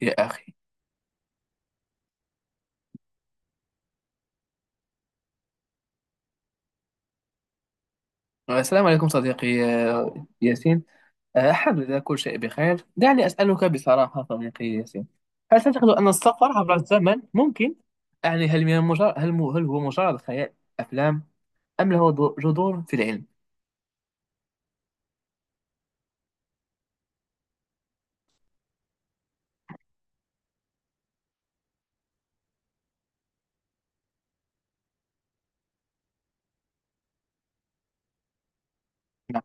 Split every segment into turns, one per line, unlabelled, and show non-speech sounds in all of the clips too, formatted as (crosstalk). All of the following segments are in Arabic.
يا أخي، السلام عليكم صديقي، ياسين أحمد. كل شيء بخير. دعني أسألك بصراحة صديقي ياسين، هل تعتقد أن السفر عبر الزمن ممكن؟ يعني هل من مجرد هل, مو- هل هو مجرد خيال أفلام، أم له جذور في العلم؟ نعم،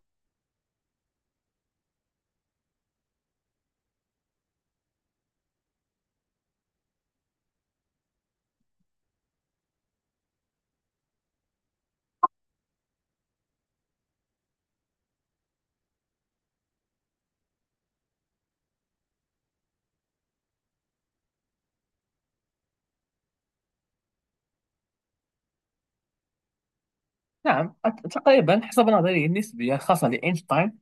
نعم، تقريبا حسب نظرية النسبية الخاصة لأينشتاين،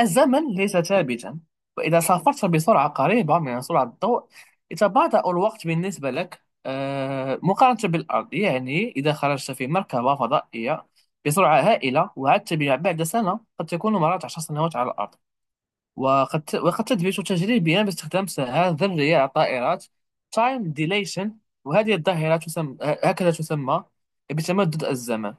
الزمن ليس ثابتا. وإذا سافرت بسرعة قريبة من سرعة الضوء يتباطأ الوقت بالنسبة لك مقارنة بالأرض. يعني إذا خرجت في مركبة فضائية بسرعة هائلة وعدت بها بعد سنة، قد تكون مرات 10 سنوات على الأرض. وقد تثبت تجريبيا باستخدام ساعات ذرية على الطائرات time dilation. وهذه الظاهرة تسمى، تسمى بتمدد الزمن.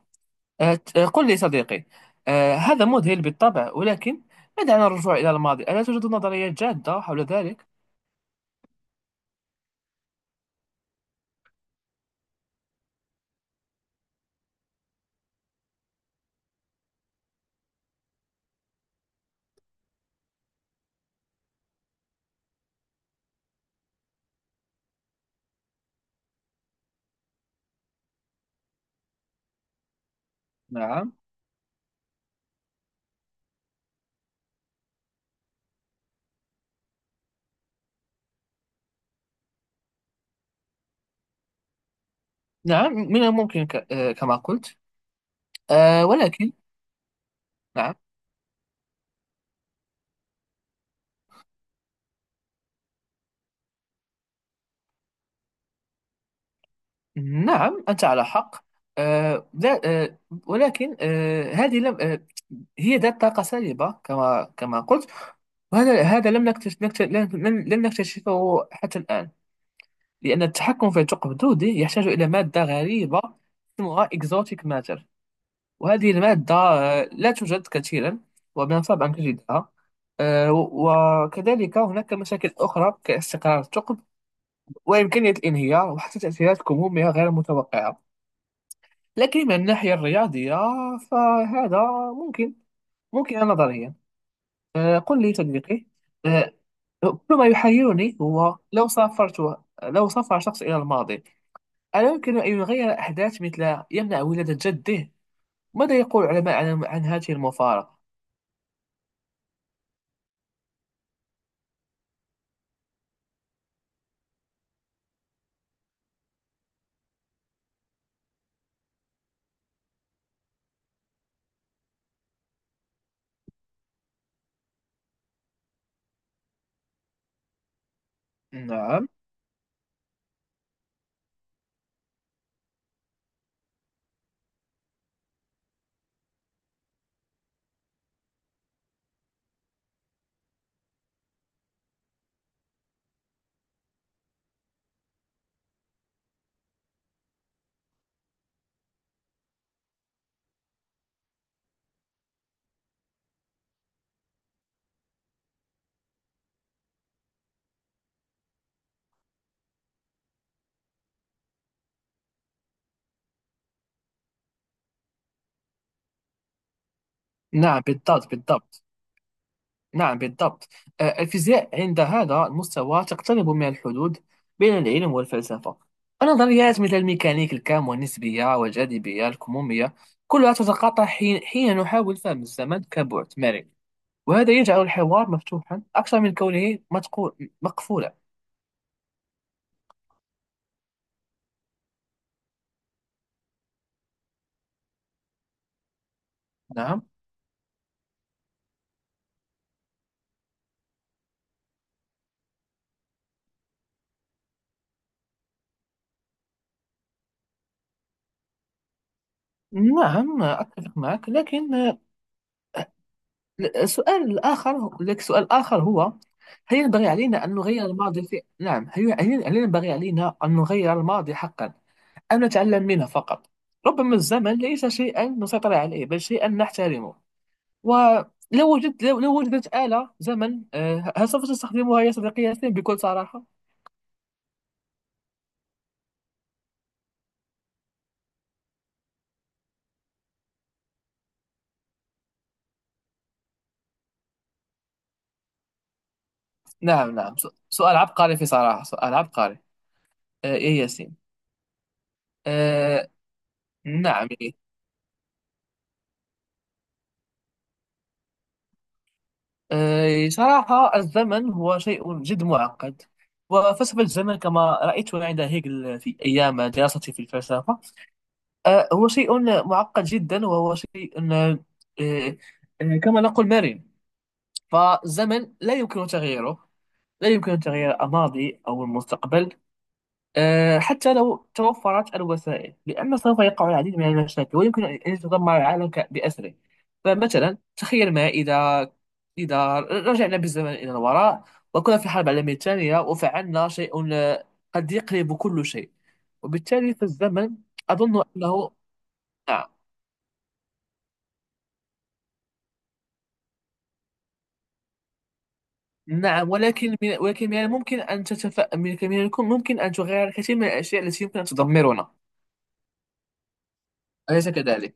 آه، قل لي صديقي، هذا مذهل بالطبع، ولكن ما دعنا الرجوع إلى الماضي، ألا توجد نظريات جادة حول ذلك؟ نعم، نعم، من الممكن ك... آه، كما قلت. ولكن، نعم، نعم، أنت على حق. لا، آه، ولكن آه، هذه لم، هي ذات طاقة سالبة كما قلت. وهذا لم نكتشف نكت- لن لن- لن نكتشفه حتى الآن. لأن التحكم في الثقب الدودي يحتاج إلى مادة غريبة اسمها exotic matter. وهذه المادة لا توجد كثيرا، ومن الصعب أن تجدها. وكذلك هناك مشاكل أخرى كاستقرار الثقب وإمكانية الانهيار، وحتى تأثيرات كمومية غير متوقعة. لكن من الناحية الرياضية فهذا ممكن، ممكن نظريا. قل لي صديقي، آه، كل ما يحيرني هو لو سافر شخص إلى الماضي، ألا يمكن أن يغير أحداث، مثل يمنع ولادة جده؟ ماذا يقول العلماء عن هذه المفارقة؟ نعم، نعم، بالضبط، بالضبط. نعم، بالضبط. الفيزياء عند هذا المستوى تقترب من الحدود بين العلم والفلسفة. النظريات مثل الميكانيك الكم والنسبية والجاذبية الكمومية كلها تتقاطع حين نحاول فهم الزمن كبعد مرن. وهذا يجعل الحوار مفتوحا أكثر من كونه مقفولا. نعم، نعم، أتفق معك، لكن السؤال الآخر، لك سؤال آخر هو: هل ينبغي علينا أن نغير الماضي في نعم، هل ينبغي علينا أن نغير الماضي حقا، أم نتعلم منه فقط؟ ربما الزمن ليس شيئا نسيطر عليه بل شيئا نحترمه. ولو وجدت لو لو وجدت آلة زمن، هل سوف تستخدمها يا صديقي ياسين بكل صراحة؟ نعم، نعم، سؤال عبقري. في صراحة، سؤال عبقري. يا ياسين، آه، نعم، إيه. صراحة الزمن هو شيء جد معقد، وفلسفة الزمن كما رأيتها عند هيجل في أيام دراستي في الفلسفة، هو شيء معقد جدا. وهو شيء أه، أه، كما نقول مرن. فالزمن لا يمكن تغييره. لا يمكن تغيير الماضي أو المستقبل، حتى لو توفرت الوسائل، لأن سوف يقع العديد من المشاكل، ويمكن أن يتدمر العالم بأسره. فمثلا تخيل ما إذا رجعنا بالزمن إلى الوراء وكنا في الحرب العالمية الثانية، وفعلنا شيء قد يقلب كل شيء. وبالتالي فالزمن أظن أنه. نعم، نعم. ولكن من الممكن أن تتف من من الكم- ممكن أن تغير الكثير من الأشياء التي يمكن أن تدمرنا. أليس كذلك؟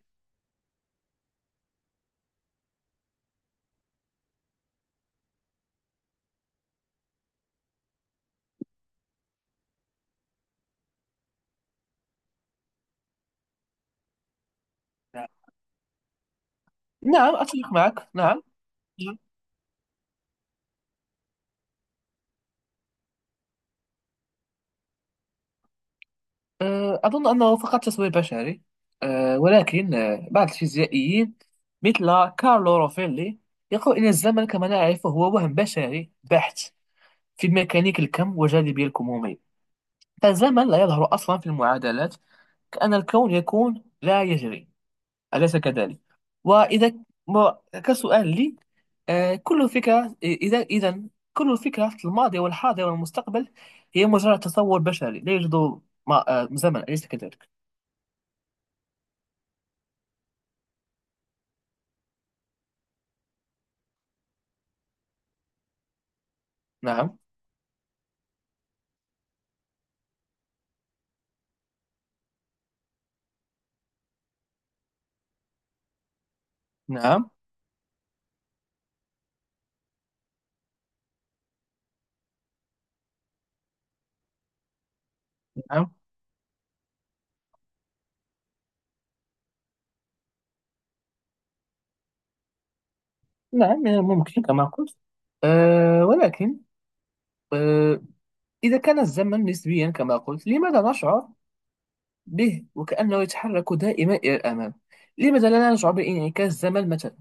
نعم، نعم، أتفق معك. نعم. نعم. أظن أنه فقط تسوير بشري. ولكن بعض الفيزيائيين مثل كارلو روفيلي يقول إن الزمن كما نعرفه هو وهم بشري بحت. في ميكانيك الكم والجاذبية الكمومية، فالزمن لا يظهر أصلا في المعادلات، كأن الكون يكون لا يجري. أليس كذلك؟ وإذا كسؤال لي: كل فكرة إذا إذا كل فكرة في الماضي والحاضر والمستقبل هي مجرد تصور بشري. لا يوجد ما- أه، زمن، أليس كذلك؟ نعم، نعم، نعم، نعم، ممكن كما قلت. ولكن، أه إذا كان الزمن نسبيا كما قلت، لماذا نشعر به وكأنه يتحرك دائما إلى الأمام؟ لماذا لا نشعر بانعكاس الزمن مثلا؟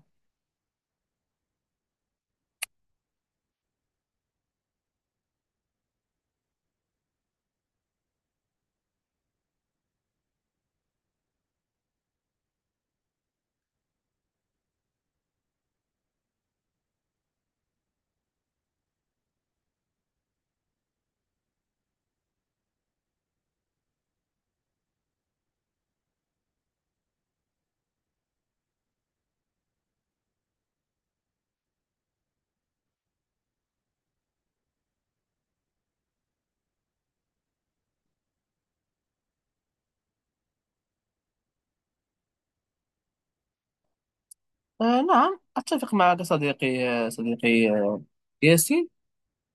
نعم، أتفق معك صديقي، ياسين.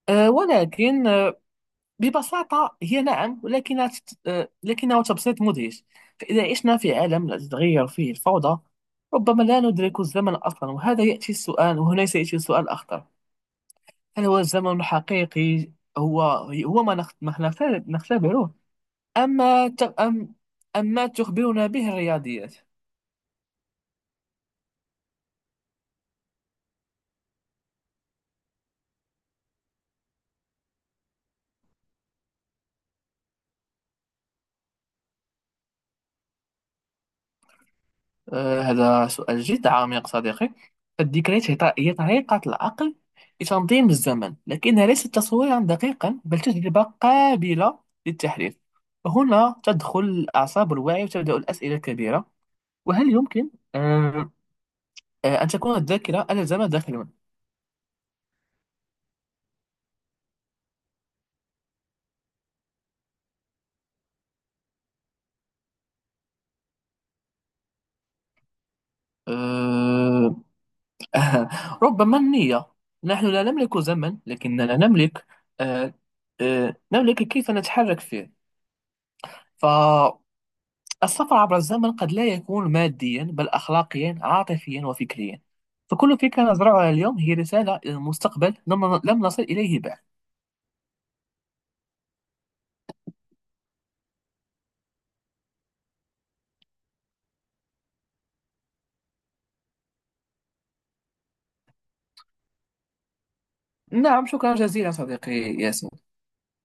ولكن ببساطة هي، نعم، ولكنها تت- آه، لكنه تبسيط مدهش. فإذا عشنا في عالم لا تتغير فيه الفوضى ربما لا ندرك الزمن أصلا. وهذا يأتي السؤال وهنا سيأتي السؤال الأخطر: هل هو الزمن الحقيقي، هو هو ما نخ- ما نخت- نختبره، أما ت- أم أما تخبرنا به الرياضيات؟ هذا سؤال جد عميق صديقي. الذكريات هي طريقة العقل لتنظيم الزمن، لكنها ليست تصويرا دقيقا بل تجربة قابلة للتحليل. هنا تدخل الأعصاب والوعي، وتبدأ الأسئلة الكبيرة. وهل يمكن آه، أن تكون الذاكرة ألا زمن داخل. آه، (laughs) ربما النية. نحن لا نملك زمن، لكننا نملك آه، آه، نملك كيف نتحرك فيه. ف السفر عبر الزمن قد لا يكون ماديا، بل أخلاقيا عاطفيا وفكريا. فكل فكرة نزرعها اليوم هي رسالة إلى المستقبل لم نصل إليه بعد. نعم، شكرا جزيلا صديقي ياسر.